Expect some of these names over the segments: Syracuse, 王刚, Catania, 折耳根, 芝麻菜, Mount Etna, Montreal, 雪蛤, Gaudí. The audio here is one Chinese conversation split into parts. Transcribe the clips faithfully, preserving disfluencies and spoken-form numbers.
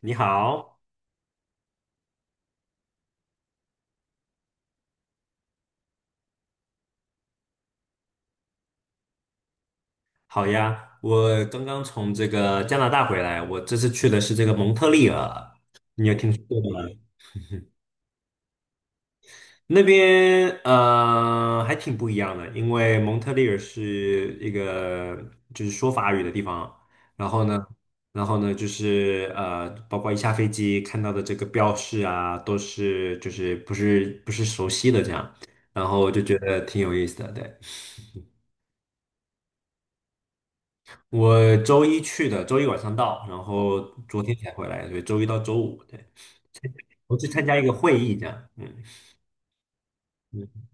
你好，好呀，我刚刚从这个加拿大回来，我这次去的是这个蒙特利尔，你有听说过吗？那边呃还挺不一样的，因为蒙特利尔是一个就是说法语的地方，然后呢，然后呢就是呃，包括一下飞机看到的这个标识啊，都是就是不是不是熟悉的这样，然后我就觉得挺有意思的，对。我周一去的，周一晚上到，然后昨天才回来，所以周一到周五，对，我去参加一个会议，这样，嗯嗯，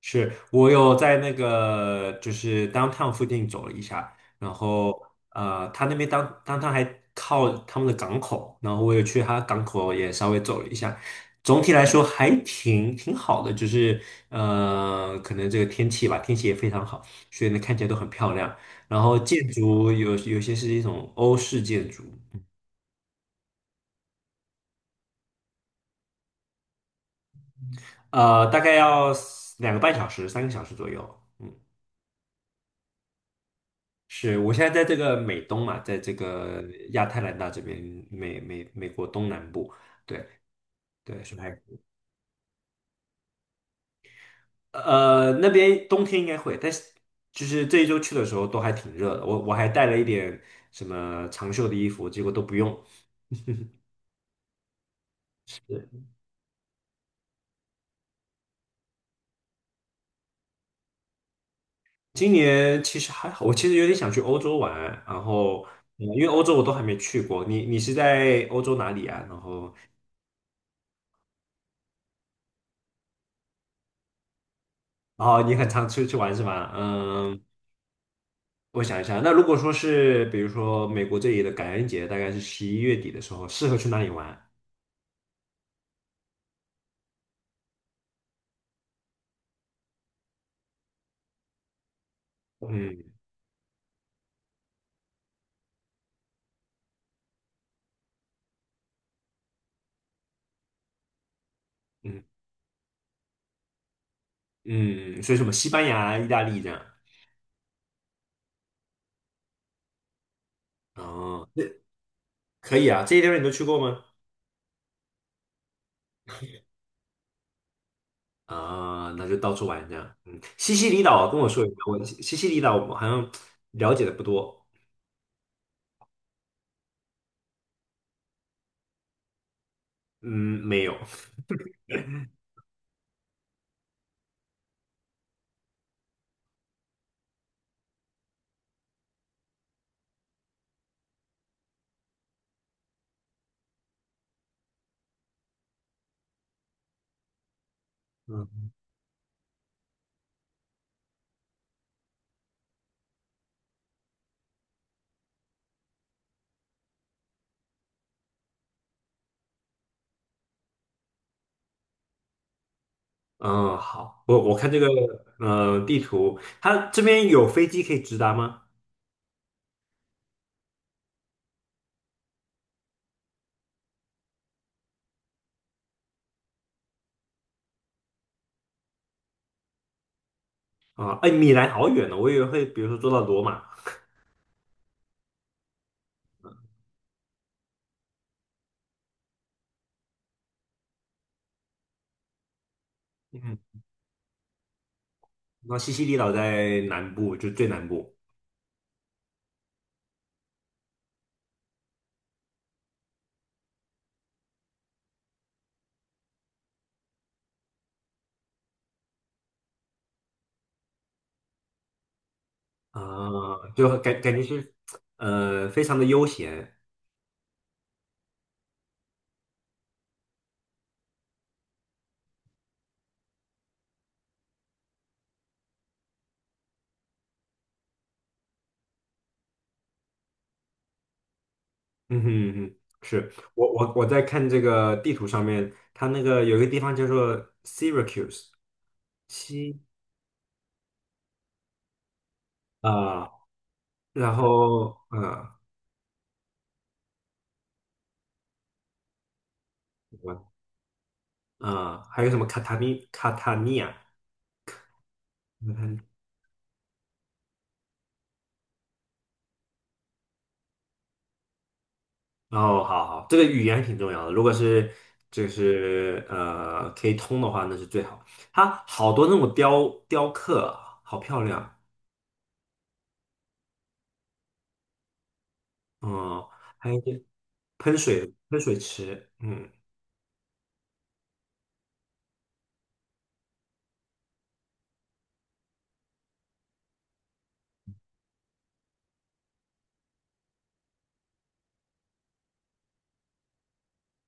是我有在那个就是 downtown 附近走了一下，然后呃，他那边当 downtown 还靠他们的港口，然后我也去他港口也稍微走了一下，总体来说还挺挺好的，就是呃，可能这个天气吧，天气也非常好，所以呢看起来都很漂亮。然后建筑有有些是一种欧式建筑。呃，大概要两个半小时、三个小时左右。嗯，是我现在在这个美东嘛，在这个亚特兰大这边，美美美国东南部。对对，是还呃那边冬天应该会，但是就是这一周去的时候都还挺热的。我我还带了一点什么长袖的衣服，结果都不用。对，今年其实还好，我其实有点想去欧洲玩，然后。嗯因为欧洲我都还没去过，你你是在欧洲哪里啊？然后哦，你很常出去玩是吧？嗯，我想一下，那如果说是比如说美国这里的感恩节，大概是十一月底的时候，适合去哪里玩？嗯嗯嗯，所以什么西班牙、意大利这样。哦，那可以啊，这些地方你都去过吗？啊、那就到处玩这样。嗯，西西里岛跟我说一下，我西西里岛我好像了解的不多。嗯，没有。嗯 嗯，好，我我看这个呃地图，它这边有飞机可以直达吗？啊，哎，米兰好远呢，我以为会比如说坐到罗马，嗯，那西西里岛在南部，就最南部啊，就感感觉是呃非常的悠闲，嗯哼嗯哼，是我我我在看这个地图上面，它那个有一个地方叫做 Syracuse 西啊，然后嗯啊、我啊，呃还有什么卡塔尼卡塔尼亚，哦，好好，这个语言挺重要的。如果是就是呃可以通的话，那是最好。它好多那种雕雕刻啊好漂亮。嗯，还有一些喷水喷水池，嗯，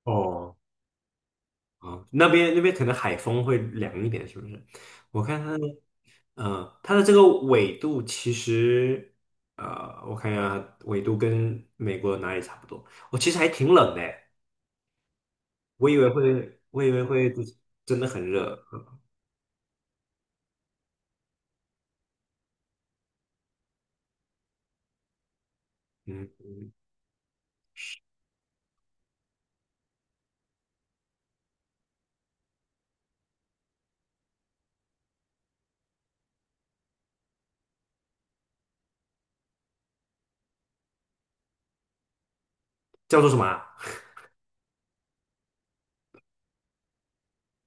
哦，啊，那边那边可能海风会凉一点，是不是？我看它的，嗯、它的这个纬度其实，呃，我看一下，纬度跟美国哪里差不多？我、其实还挺冷的，我以为会，我以为会就是真的很热。嗯嗯，嗯，叫做什么啊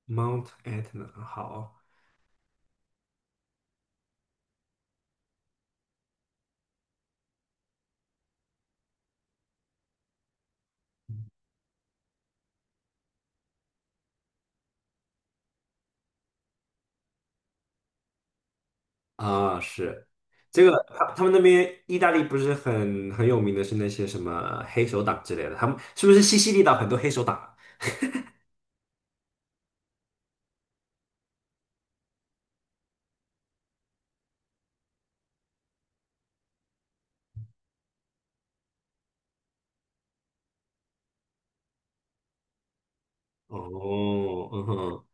？Mount Etna。好啊，是这个，他他们那边意大利不是很很有名的是那些什么黑手党之类的，他们是不是西西里岛很多黑手党啊哦，嗯哼，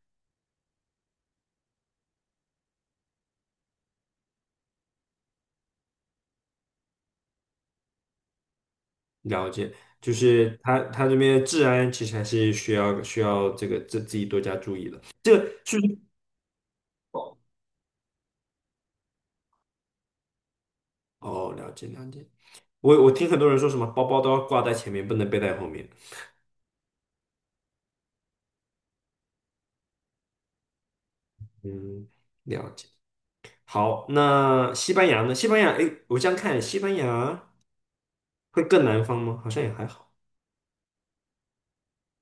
了解，就是他他这边治安其实还是需要需要这个自自己多加注意的。这个是不是？哦，了解了解。我我听很多人说什么包包都要挂在前面，不能背在后面。嗯，了解。好，那西班牙呢？西班牙，哎，我这样看，西班牙会更南方吗？好像也还好，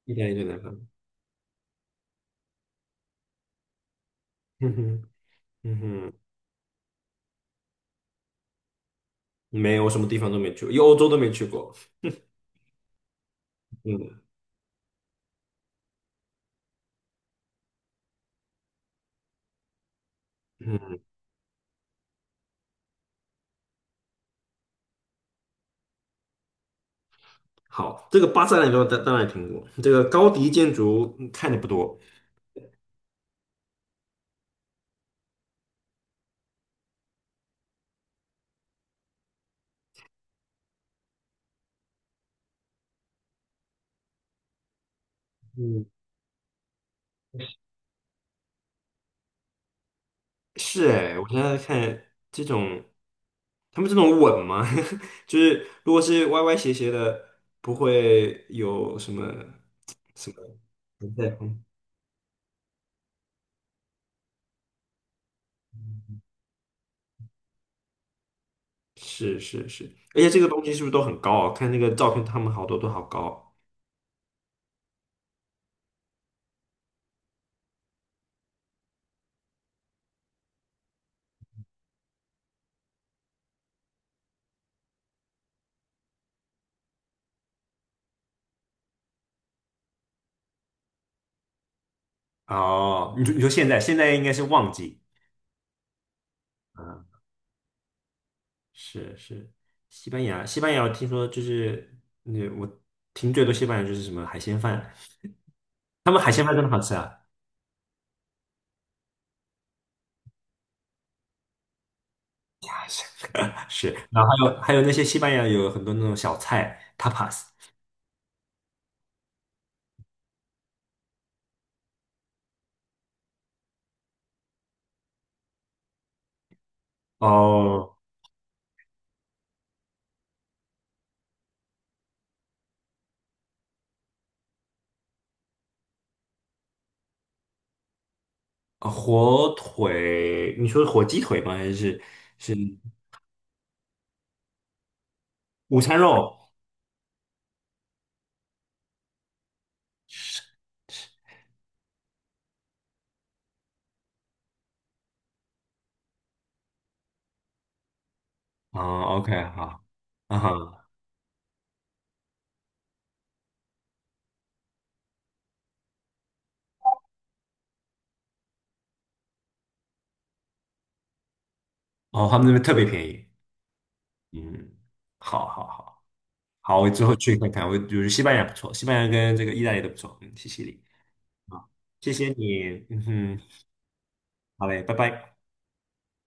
意大利点南方。嗯哼，嗯哼，没有，我什么地方都没去过，因为欧洲都没去过。嗯嗯，好，这个巴塞罗那当当然也听过，这个高迪建筑嗯看的不多。嗯，是哎，我现在看这种，他们这种稳吗？就是如果是歪歪斜斜的，不会有什么什么。是是是，而且这个东西是不是都很高啊？看那个照片，他们好多都好高。哦，你说你说现在现在应该是旺季，啊？是是，西班牙，西班牙，我听说就是，那我听最多西班牙就是什么海鲜饭，他们海鲜饭真的好吃啊。是，然后还有还有那些西班牙有很多那种小菜 tapas，哦，呃火腿，你说火鸡腿吗？还是是午餐肉？是啊，OK，好，啊哈。哦，他们那边特别便宜。嗯，好，好，好，好，我之后去看看。我就是西班牙不错，西班牙跟这个意大利都不错，嗯，谢谢你好，谢谢你，嗯哼，好嘞，拜拜。